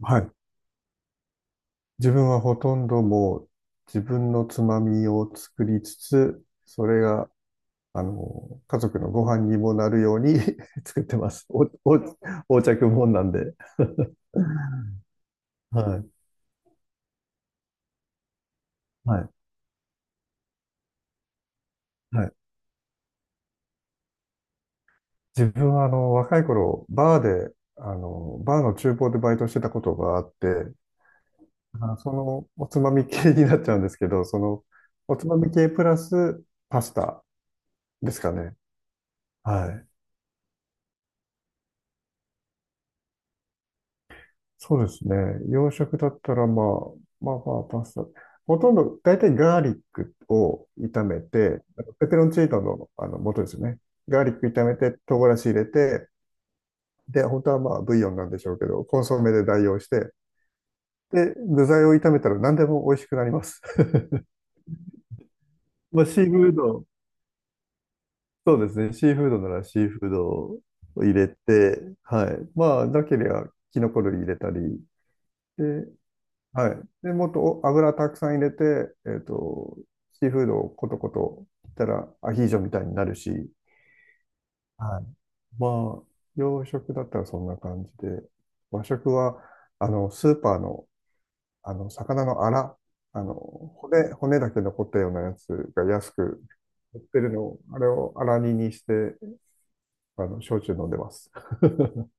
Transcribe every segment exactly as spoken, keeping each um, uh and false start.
はい。自分はほとんどもう自分のつまみを作りつつ、それが、あの、家族のご飯にもなるように 作ってます。お、お、横着もんなんで。はい。はい。はい。自分は、あの、若い頃、バーで、あの、バーの厨房でバイトしてたことがあって、あ、その、おつまみ系になっちゃうんですけど、その、おつまみ系プラスパスタですかね。はい。そうですね。洋食だったら、まあ、まあまあ、パスタ。ほとんど、大体ガーリックを炒めて、あのペペロンチーノの、あの元ですよね。ガーリック炒めて、唐辛子入れて、で、本当はまあ、ブイヨンなんでしょうけど、コンソメで代用して、で、具材を炒めたら何でも美味しくなります。まあ、シーフード、そうですね。シーフードならシーフードを入れて、はい。まあ、なければ、キノコ類入れたり、で、はい。で、もっとお油たくさん入れて、えっと、シーフードをコトコトいったらアヒージョみたいになるし、はい。まあ、洋食だったらそんな感じで、和食は、あの、スーパーの、あの、魚のアラ、あの、骨、骨だけ残ったようなやつが安く売ってるのを、あれをアラ煮にして、あの、焼酎飲んでます。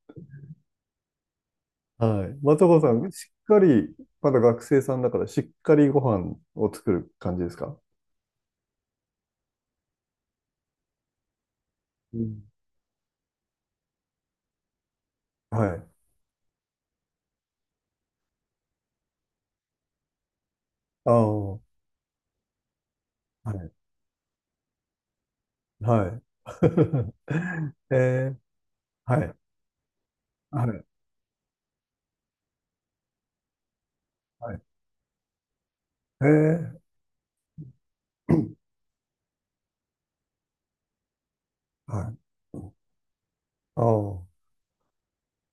はい。松岡さん、しっかり、まだ学生さんだから、しっかりご飯を作る感じですか？うん。はい。ああ、はい。はい。ええ。はい。はい。はい。ええ。 はい。ああ、は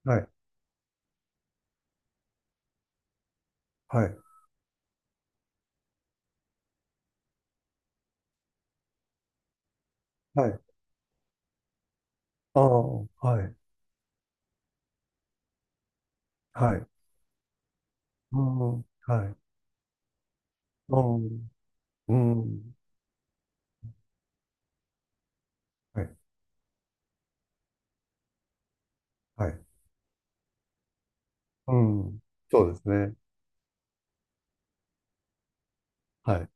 い。はい。はい。ああ、はい。はい。うん。はい。うん。うん。はい。はい。うん。そうですね。はい。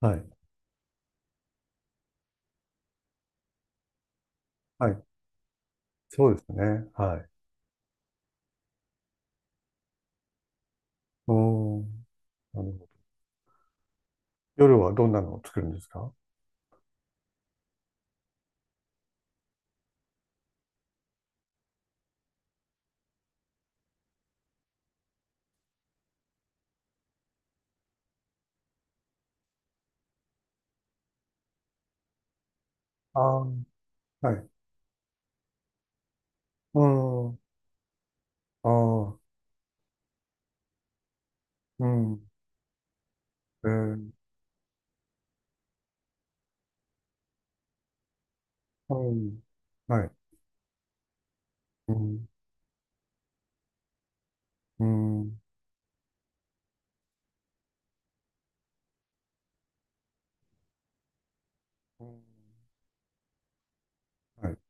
はい。はい。そうですね。はい。うん。なるほど。夜はどんなのを作るんですか？ああ、はい。うん。ああ、うん。えー、うん。はい。うん。うん。うん。はい。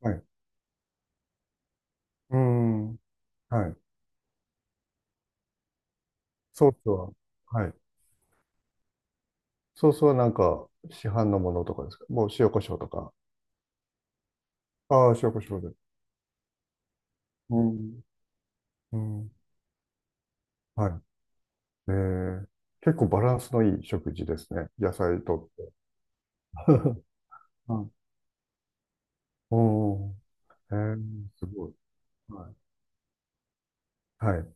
はい。うん。はい。ソースは、はい。ソースはなんか、市販のものとかですか？もう塩コショウとか。ああ、塩コショウで。うん。うん。はい。えー、結構バランスのいい食事ですね。野菜とって。うん。お、えー、すごい。はい。はい。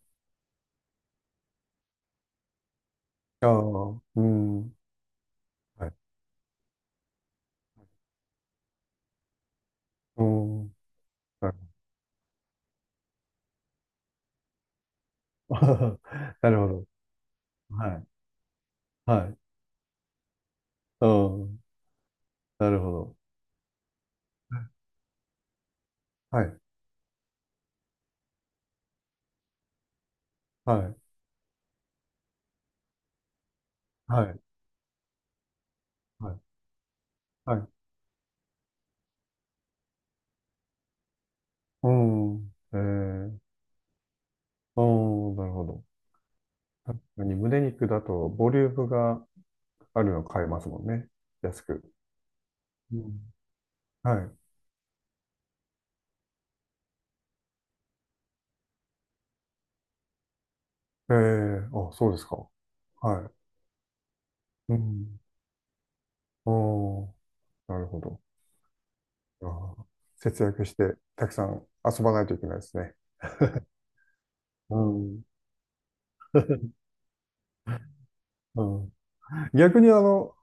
ああ、うん。はい。うん。はい。 なるほど。はい。はい。うん。なるほど。はい。はい。はい。はい。はい。うん。えー、うん、なるほど。確かに胸肉だとボリュームがあるの買えますもんね。安く。うん。はい。えー、あ、そうですか。はい。うん。おー、なるほど。あー、節約してたくさん遊ばないといけないですね。うん。うん。逆にあの、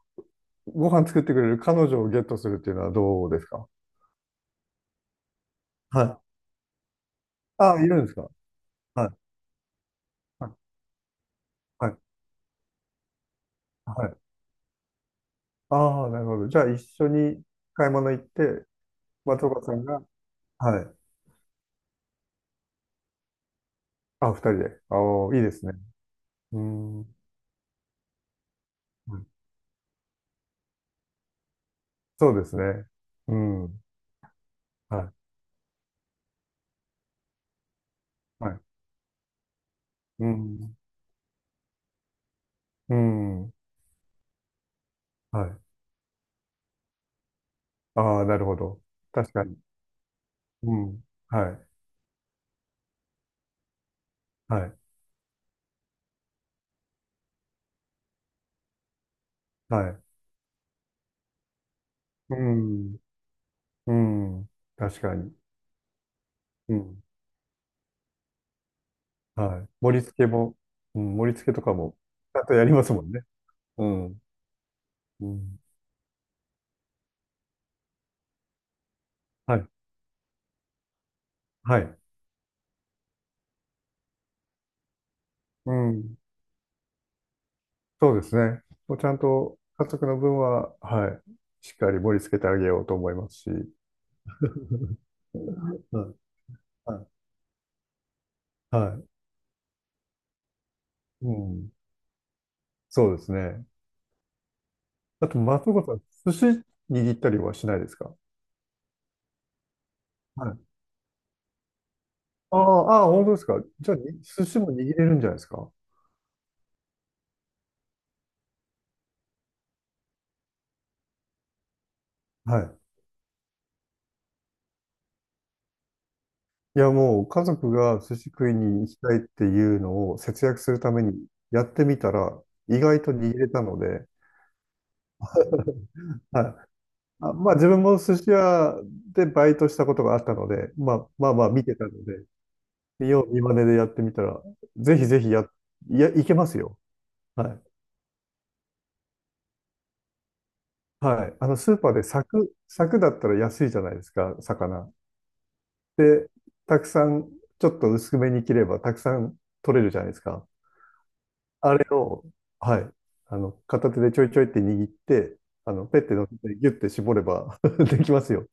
ご飯作ってくれる彼女をゲットするっていうのはどうですか？はい。あ、いるんですか？はい。はい。はい。はい。ああ、なるほど。じゃあ、一緒に買い物行って、松岡さんが、はい。あ、二人で。ああ、いいですね。うん。はい。そうですね。うん。はい。はい。うん。うん。はい。ああ、なるほど。確かに。うん。はい。はい。はい。うん。うん。確かに。うん。はい。盛り付けも、うん、盛り付けとかも、ちゃんとやりますもんね。うん。うん。はい。はい。うん。そうですね。もうちゃんと家族の分は、はい、しっかり盛り付けてあげようと思いますし。はい、はい、はい、うん。そうですね。あと、松岡さん、寿司握ったりはしないですか？はい。ああ、ああ、本当ですか。じゃあ、に寿司も握れるんじゃないですか？はい。いや、もう、家族が寿司食いに行きたいっていうのを節約するためにやってみたら、意外と握れたので、はい。あ、まあ自分も寿司屋でバイトしたことがあったので、まあまあまあ見てたので、見よう見まねでやってみたら、ぜひぜひや、いや、いけますよ。はい。はい。あの、スーパーで柵、柵だったら安いじゃないですか、魚。で、たくさん、ちょっと薄めに切ればたくさん取れるじゃないですか。あれを、はい。あの、片手でちょいちょいって握って、あの、ペッて乗せてギュッて絞れば できますよ。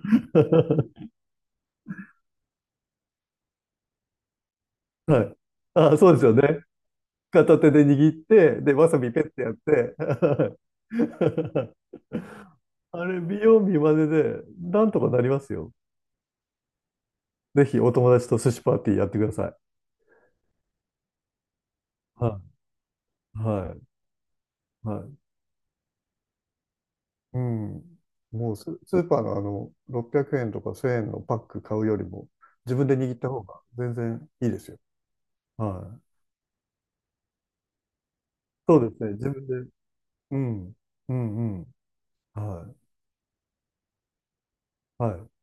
はい。あ、そうですよね。片手で握って、で、わさびペッてやって、あれ、美容美見まねで、なんとかなりますよ。ぜひ、お友達と寿司パーティーやってください。はい。はい。はい。うん。もうス、スーパーのあの、ろっぴゃくえんとかせんえんのパック買うよりも、自分で握った方が全然いいですよ。はい。そうですね。自分で。うん。うんうん。はい。はい。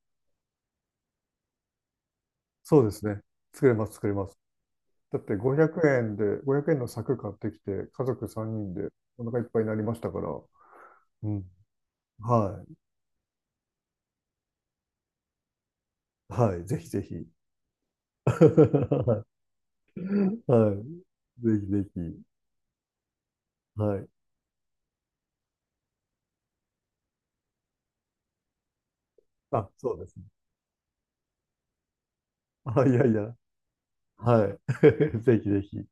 そうですね。作れます、作れます。だってごひゃくえんで、ごひゃくえんの柵買ってきて、家族さんにんでお腹いっぱいになりましたから、うん。はい。はい。ぜひぜひ。はい。はい。ぜひぜひ。はい。あ、そうですね。あ、いやいや。はい。ぜひぜひ。